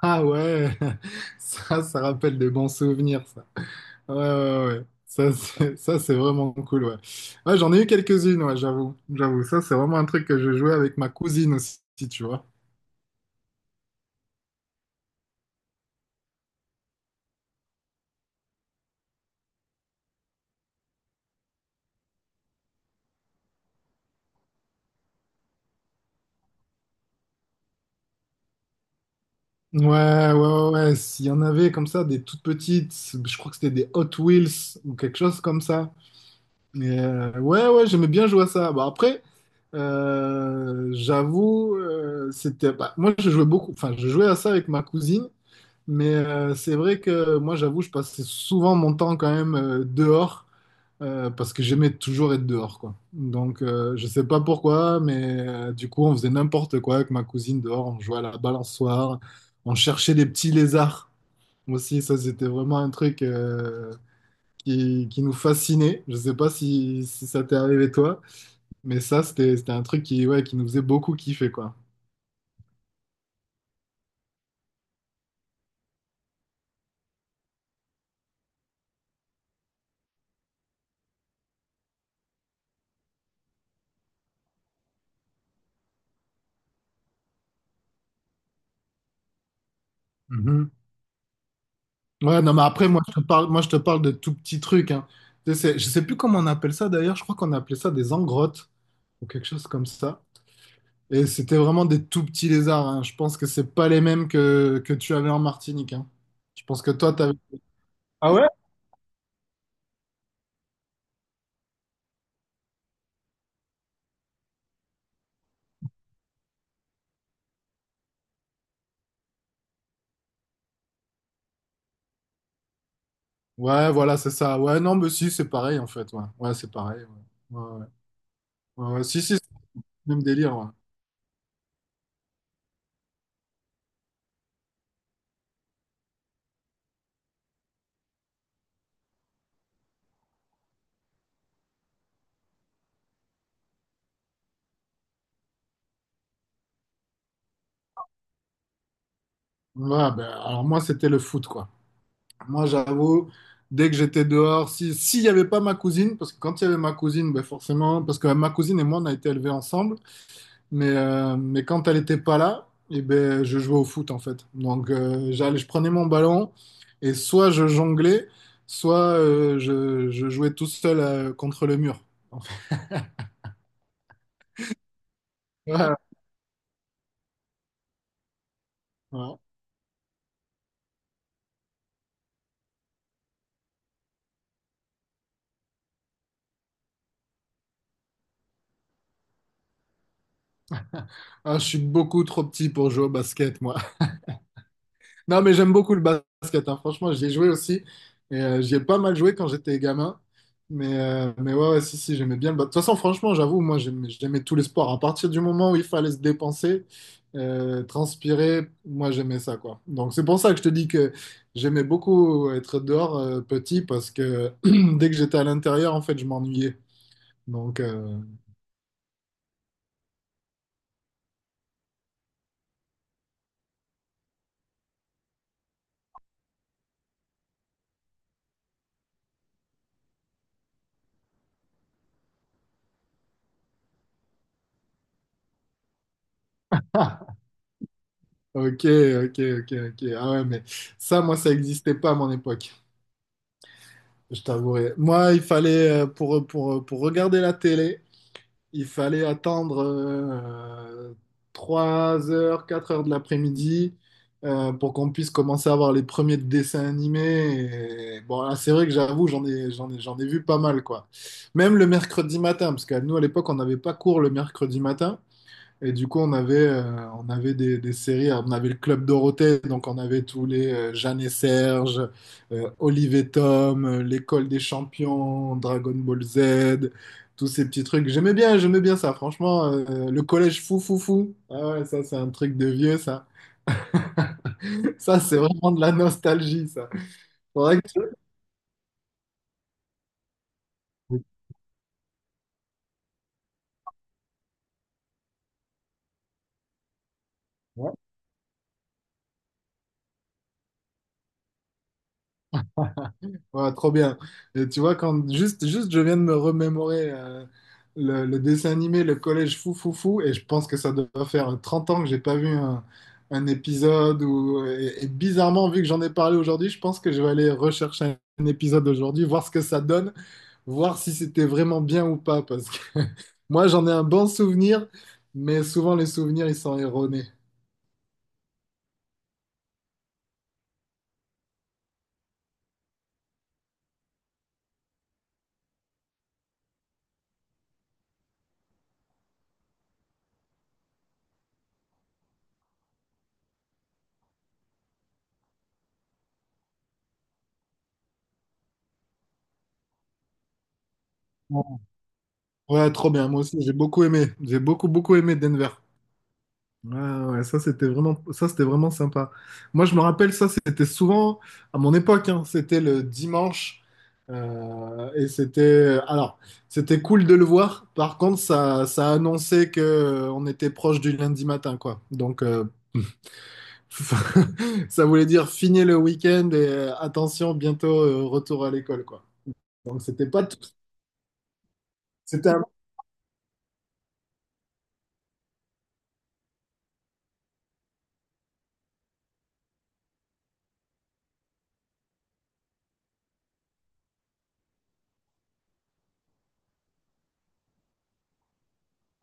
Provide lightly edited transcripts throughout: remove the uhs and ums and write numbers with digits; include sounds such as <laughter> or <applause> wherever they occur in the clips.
Ah ouais, <laughs> ça rappelle des bons souvenirs, ça. Ouais, ouais, ouais. Ça, c'est vraiment cool, ouais. Ouais, j'en ai eu quelques-unes, ouais, j'avoue. J'avoue, ça, c'est vraiment un truc que je jouais avec ma cousine aussi, tu vois. Ouais, ouais, ouais, ouais. S'il y en avait comme ça, des toutes petites, je crois que c'était des Hot Wheels ou quelque chose comme ça. Mais ouais, ouais, j'aimais bien jouer à ça. Bon, après, j'avoue, c'était. Bah, moi, je jouais beaucoup, enfin, je jouais à ça avec ma cousine. Mais c'est vrai que moi, j'avoue, je passais souvent mon temps quand même dehors parce que j'aimais toujours être dehors, quoi. Donc, je sais pas pourquoi, mais du coup, on faisait n'importe quoi avec ma cousine dehors. On jouait à la balançoire, on cherchait des petits lézards aussi. Ça, c'était vraiment un truc qui nous fascinait. Je sais pas si ça t'est arrivé toi. Mais ça, c'était un truc qui, ouais, qui nous faisait beaucoup kiffer, quoi. Mhm. Ouais, non, mais après, moi, je te parle de tout petits trucs, hein. Tu sais, je sais plus comment on appelle ça d'ailleurs, je crois qu'on appelait ça des engrottes ou quelque chose comme ça. Et c'était vraiment des tout petits lézards, hein. Je pense que c'est pas les mêmes que tu avais en Martinique, hein. Je pense que toi, t'avais. Ah ouais? Ouais, voilà, c'est ça. Ouais, non, mais si, c'est pareil, en fait. Ouais, ouais c'est pareil. Ouais. Ouais, ouais. Ouais, ouais. Si, si, c'est le même délire. Ouais. Ouais, ben, alors, moi, c'était le foot, quoi. Moi, j'avoue, dès que j'étais dehors, si, s'il n'y avait pas ma cousine, parce que quand il y avait ma cousine, ben, forcément, parce que ma cousine et moi, on a été élevés ensemble, mais quand elle n'était pas là, eh ben, je jouais au foot, en fait. Donc, j'allais, je prenais mon ballon et soit je jonglais, soit je jouais tout seul contre le mur. <laughs> Ouais. Ouais. Ah, je suis beaucoup trop petit pour jouer au basket, moi. <laughs> Non, mais j'aime beaucoup le basket, hein. Franchement, j'y ai joué aussi. Et j'y ai pas mal joué quand j'étais gamin. Mais ouais, ouais, si, si, j'aimais bien le basket. De toute façon, franchement, j'avoue, moi, j'aimais tous les sports. À partir du moment où il fallait se dépenser, transpirer, moi, j'aimais ça, quoi. Donc, c'est pour ça que je te dis que j'aimais beaucoup être dehors, petit, parce que <clears throat> dès que j'étais à l'intérieur, en fait, je m'ennuyais. Donc. Ok, ok, ok, ok. Ah ouais, mais ça, moi, ça n'existait pas à mon époque, je t'avouerai. Moi, il fallait, pour regarder la télé, il fallait attendre 3 heures, 4 heures de l'après-midi pour qu'on puisse commencer à voir les premiers dessins animés. Et bon, là, c'est vrai que j'avoue, j'en ai vu pas mal, quoi. Même le mercredi matin, parce que nous, à l'époque, on n'avait pas cours le mercredi matin. Et du coup, on avait des séries. Alors, on avait le Club Dorothée, donc on avait tous les Jeanne et Serge, Olive et Tom, l'École des Champions, Dragon Ball Z, tous ces petits trucs. J'aimais bien ça, franchement. Le collège fou, fou, fou. Ah ouais, ça, c'est un truc de vieux, ça. <laughs> Ça, c'est vraiment de la nostalgie, ça. Faudrait que tu- Ouais, trop bien. Et tu vois, quand juste je viens de me remémorer le dessin animé, le collège fou fou fou, et je pense que ça doit faire 30 ans que j'ai pas vu un épisode. Et bizarrement, vu que j'en ai parlé aujourd'hui, je pense que je vais aller rechercher un épisode aujourd'hui, voir ce que ça donne, voir si c'était vraiment bien ou pas. Parce que <laughs> moi, j'en ai un bon souvenir, mais souvent les souvenirs, ils sont erronés. Ouais, trop bien. Moi aussi, j'ai beaucoup aimé. J'ai beaucoup, beaucoup aimé Denver. Ouais, ouais, ça c'était vraiment sympa. Moi je me rappelle ça, c'était souvent à mon époque, hein, c'était le dimanche et c'était, alors c'était cool de le voir. Par contre, ça annonçait que on était proche du lundi matin, quoi. Donc <laughs> ça voulait dire finir le week-end et attention bientôt retour à l'école, quoi. Donc c'était pas, tout- c'était un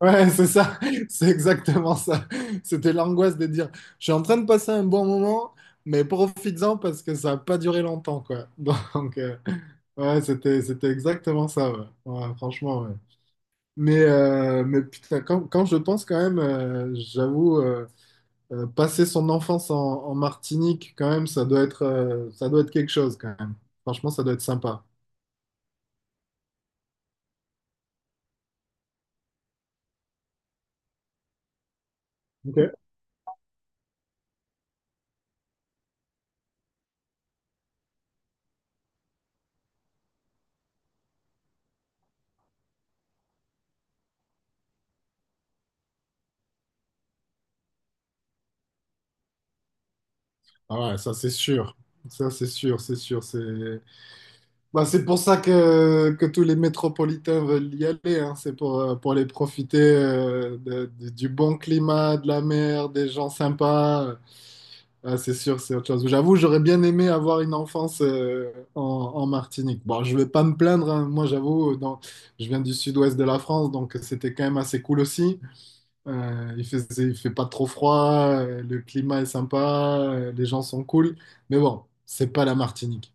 Ouais, c'est ça, <laughs> c'est exactement ça. C'était l'angoisse de dire, je suis en train de passer un bon moment, mais profites-en parce que ça n'a pas duré longtemps, quoi. <laughs> Donc, ouais, c'était exactement ça, ouais. Ouais, franchement, ouais. Mais putain, quand je pense quand même, j'avoue, passer son enfance en Martinique, quand même, ça doit être quelque chose, quand même. Franchement, ça doit être sympa. Ok. Ah ouais, ça c'est sûr. Ça c'est sûr, c'est sûr. Bah, c'est pour ça que tous les métropolitains veulent y aller, hein. C'est pour les profiter du bon climat, de la mer, des gens sympas. Ah, c'est sûr, c'est autre chose. J'avoue, j'aurais bien aimé avoir une enfance en Martinique. Bon, je vais pas me plaindre, hein. Moi, j'avoue, je viens du sud-ouest de la France, donc c'était quand même assez cool aussi. Il fait pas trop froid, le climat est sympa, les gens sont cool. Mais bon, c'est pas la Martinique.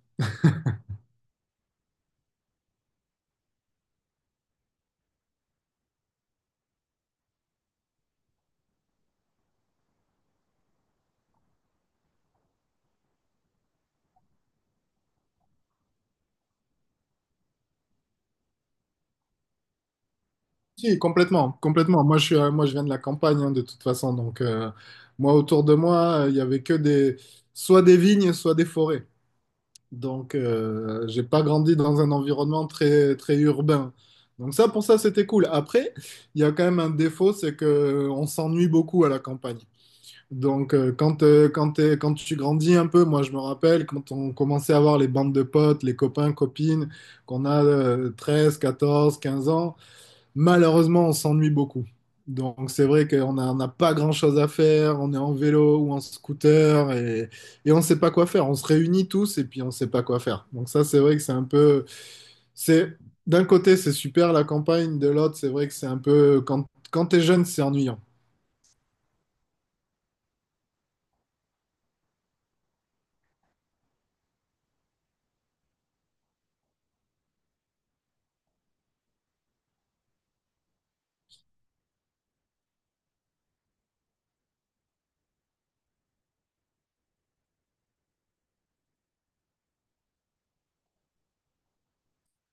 Si, complètement, complètement. Moi, je viens de la campagne, hein, de toute façon. Donc, moi, autour de moi, il y avait que soit des vignes, soit des forêts. Donc, j'ai pas grandi dans un environnement très, très urbain. Donc, ça, pour ça, c'était cool. Après, il y a quand même un défaut, c'est que on s'ennuie beaucoup à la campagne. Donc, quand tu grandis un peu, moi, je me rappelle quand on commençait à avoir les bandes de potes, les copains, copines, qu'on a 13, 14, 15 ans malheureusement, on s'ennuie beaucoup. Donc c'est vrai qu'on n'a pas grand-chose à faire, on est en vélo ou en scooter et on ne sait pas quoi faire. On se réunit tous et puis on ne sait pas quoi faire. Donc ça c'est vrai que c'est un peu. C'est, D'un côté c'est super la campagne, de l'autre c'est vrai que c'est un peu. Quand tu es jeune c'est ennuyant.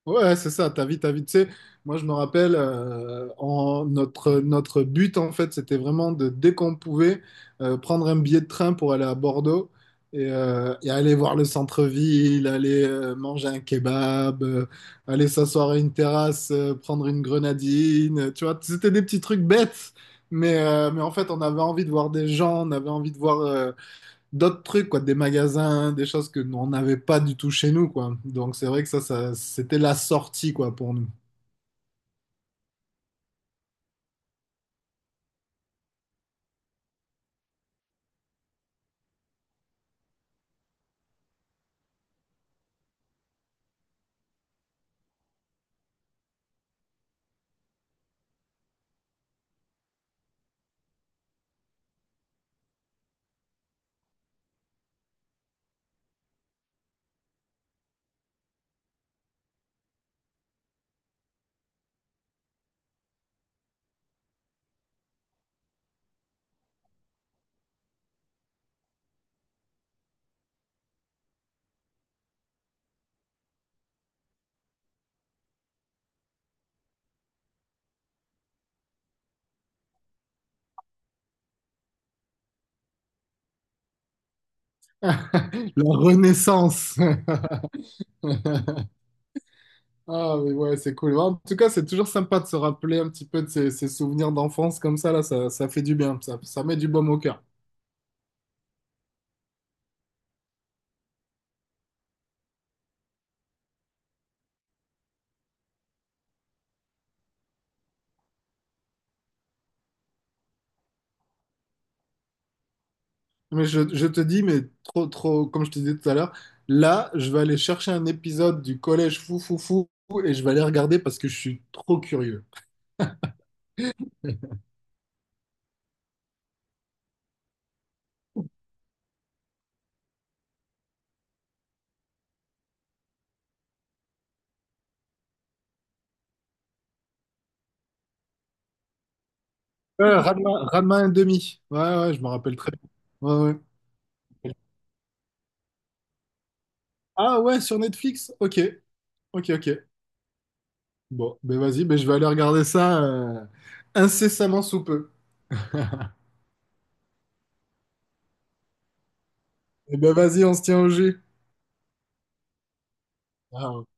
Ouais, c'est ça, ta vie, ta vie. Tu sais, moi, je me rappelle, notre, but, en fait, c'était vraiment dès qu'on pouvait, prendre un billet de train pour aller à Bordeaux et aller voir le centre-ville, aller manger un kebab, aller s'asseoir à une terrasse, prendre une grenadine. Tu vois, c'était des petits trucs bêtes, mais en fait, on avait envie de voir des gens, on avait envie de voir, d'autres trucs, quoi, des magasins, des choses que nous, on n'avait pas du tout chez nous, quoi. Donc c'est vrai que ça c'était la sortie, quoi, pour nous. <laughs> La renaissance. <laughs> Ah, mais ouais, c'est cool. En tout cas, c'est toujours sympa de se rappeler un petit peu de ces souvenirs d'enfance comme ça, là, ça fait du bien, ça met du baume au cœur. Mais je te dis, mais trop, trop, comme je te disais tout à l'heure, là, je vais aller chercher un épisode du collège fou, fou, fou, et je vais aller regarder parce que je suis trop curieux. Ranma, Ranma ½. Ouais, ouais, je me rappelle très bien. Ouais, ouais. Ah ouais, sur Netflix? Ok, ok, ok. Bon, ben vas-y, ben je vais aller regarder ça incessamment sous peu. Et ben vas-y, on se tient au jus. Ah, ok.